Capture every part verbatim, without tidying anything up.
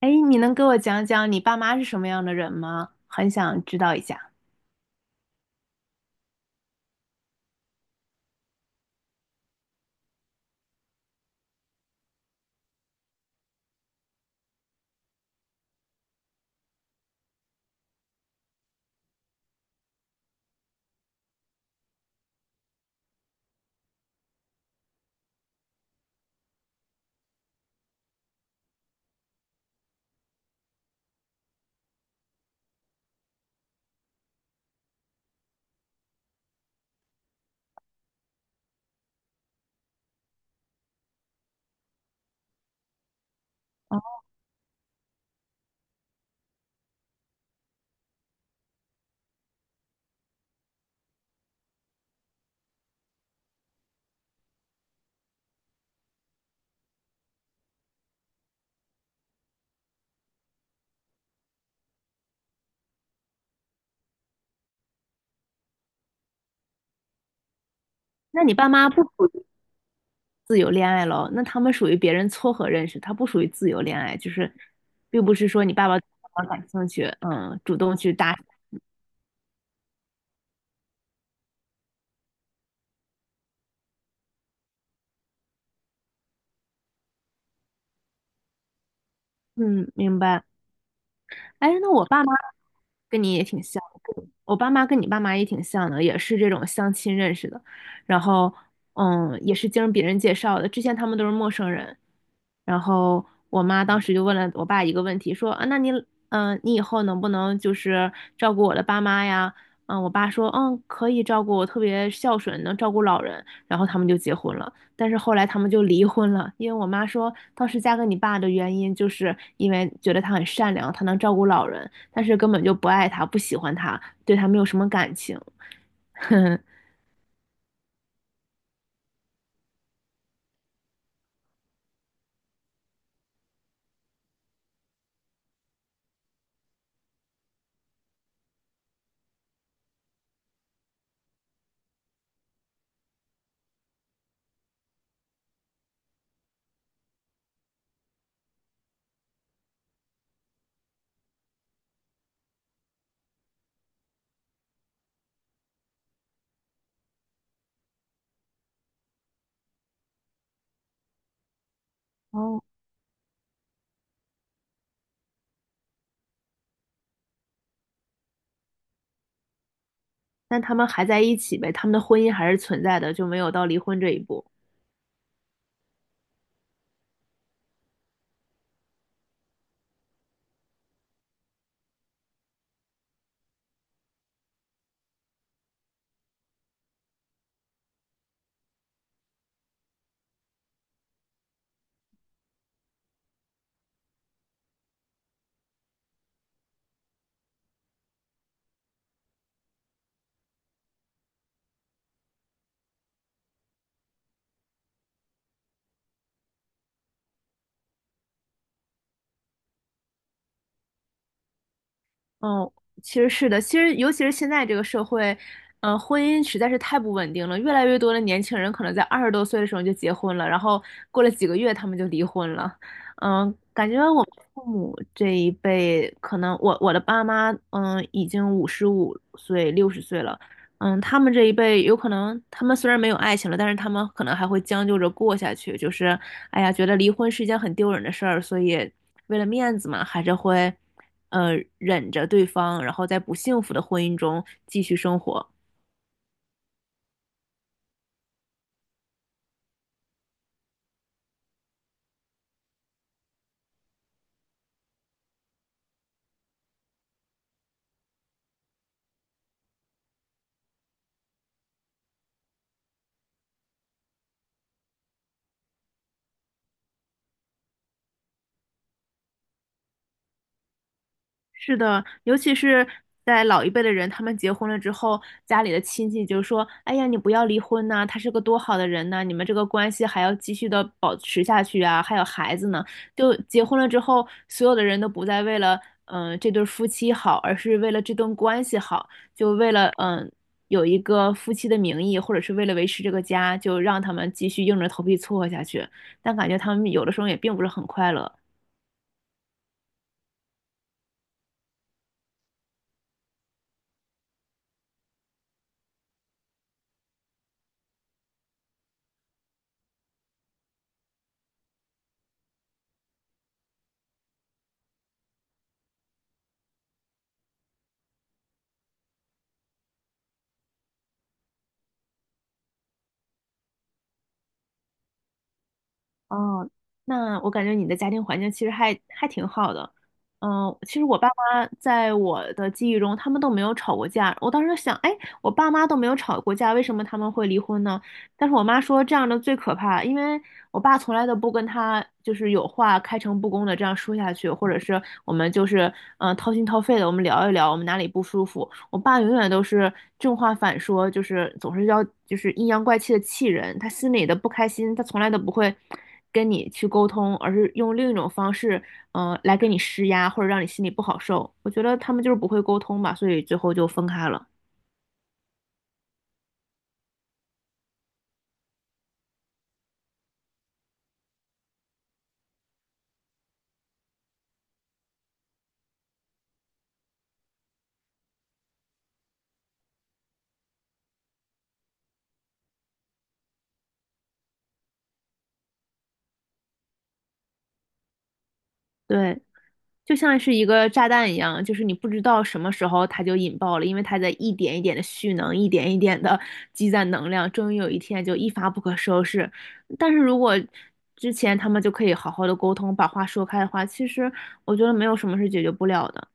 哎，你能给我讲讲你爸妈是什么样的人吗？很想知道一下。哦，那你爸妈不属于自由恋爱咯？那他们属于别人撮合认识，他不属于自由恋爱，就是并不是说你爸爸对妈感兴趣，嗯，主动去搭讪。嗯，明白。哎，那我爸妈跟你也挺像的，我爸妈跟你爸妈也挺像的，也是这种相亲认识的，然后嗯，也是经别人介绍的，之前他们都是陌生人，然后我妈当时就问了我爸一个问题，说啊，那你嗯、呃你以后能不能就是照顾我的爸妈呀？嗯，我爸说嗯可以照顾我，特别孝顺，能照顾老人，然后他们就结婚了。但是后来他们就离婚了，因为我妈说当时嫁给你爸的原因，就是因为觉得他很善良，他能照顾老人，但是根本就不爱他，不喜欢他，对他没有什么感情。哦，但他们还在一起呗，他们的婚姻还是存在的，就没有到离婚这一步。嗯，其实是的，其实尤其是现在这个社会，嗯，婚姻实在是太不稳定了。越来越多的年轻人可能在二十多岁的时候就结婚了，然后过了几个月他们就离婚了。嗯，感觉我们父母这一辈，可能我我的爸妈，嗯，已经五十五岁、六十岁了。嗯，他们这一辈有可能，他们虽然没有爱情了，但是他们可能还会将就着过下去。就是，哎呀，觉得离婚是一件很丢人的事儿，所以为了面子嘛，还是会。呃，忍着对方，然后在不幸福的婚姻中继续生活。是的，尤其是在老一辈的人，他们结婚了之后，家里的亲戚就说：“哎呀，你不要离婚呐、他是个多好的人呐、你们这个关系还要继续的保持下去啊，还有孩子呢。”就结婚了之后，所有的人都不再为了嗯、呃这对夫妻好，而是为了这段关系好，就为了嗯、呃有一个夫妻的名义，或者是为了维持这个家，就让他们继续硬着头皮撮合下去。但感觉他们有的时候也并不是很快乐。哦，那我感觉你的家庭环境其实还还挺好的。嗯，其实我爸妈在我的记忆中，他们都没有吵过架。我当时想，哎，我爸妈都没有吵过架，为什么他们会离婚呢？但是我妈说这样的最可怕，因为我爸从来都不跟他就是有话开诚布公的这样说下去，或者是我们就是嗯掏心掏肺的我们聊一聊我们哪里不舒服。我爸永远都是正话反说，就是总是要就是阴阳怪气的气人。他心里的不开心，他从来都不会跟你去沟通，而是用另一种方式，嗯，来给你施压或者让你心里不好受。我觉得他们就是不会沟通吧，所以最后就分开了。对，就像是一个炸弹一样，就是你不知道什么时候它就引爆了，因为它在一点一点的蓄能，一点一点的积攒能量，终于有一天就一发不可收拾。但是如果之前他们就可以好好的沟通，把话说开的话，其实我觉得没有什么是解决不了的。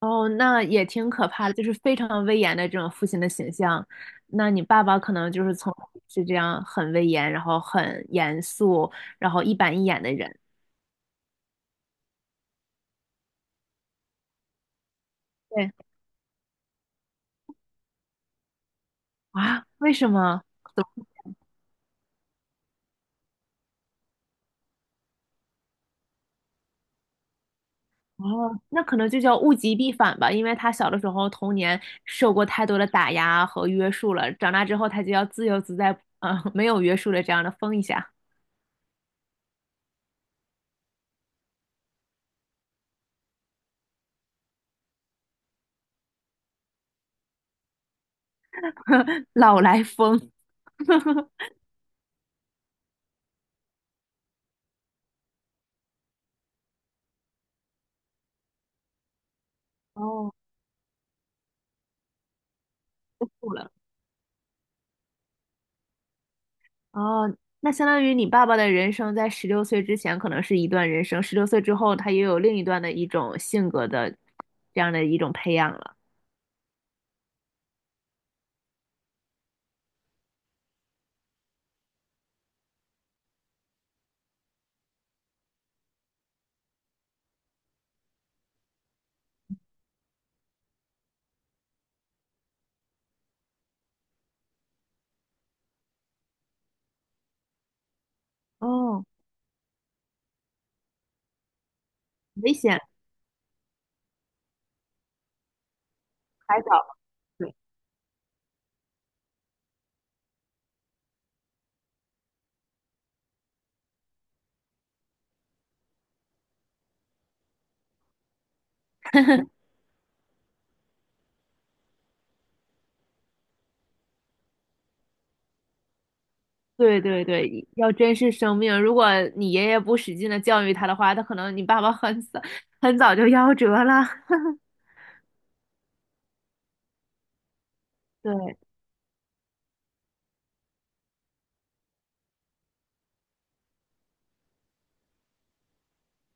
哦，那也挺可怕的，就是非常威严的这种父亲的形象。那你爸爸可能就是从是这样很威严，然后很严肃，然后一板一眼的人。对啊，为什么？哦，那可能就叫物极必反吧，因为他小的时候童年受过太多的打压和约束了，长大之后他就要自由自在，嗯、没有约束的这样的疯一下，老来疯。哦，不酷了。哦，那相当于你爸爸的人生在十六岁之前可能是一段人生，十六岁之后他也有另一段的一种性格的这样的一种培养了。哦，危险，还早。对对对，要珍视生命。如果你爷爷不使劲的教育他的话，他可能你爸爸很早很早就夭折了。对，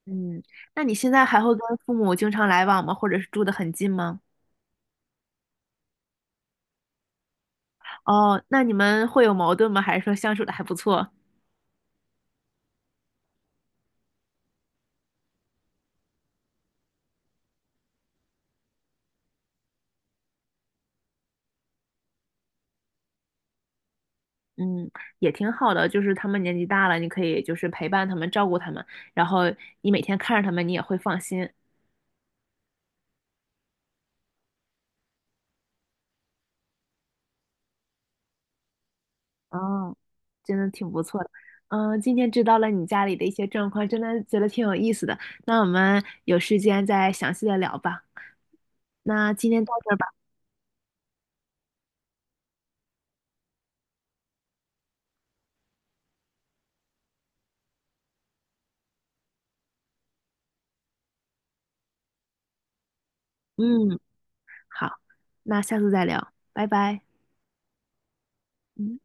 嗯，那你现在还会跟父母经常来往吗？或者是住的很近吗？哦，那你们会有矛盾吗？还是说相处的还不错？嗯，也挺好的，就是他们年纪大了，你可以就是陪伴他们，照顾他们，然后你每天看着他们，你也会放心。哦，真的挺不错的。嗯，今天知道了你家里的一些状况，真的觉得挺有意思的。那我们有时间再详细的聊吧。那今天到这儿吧。嗯，好，那下次再聊，拜拜。嗯。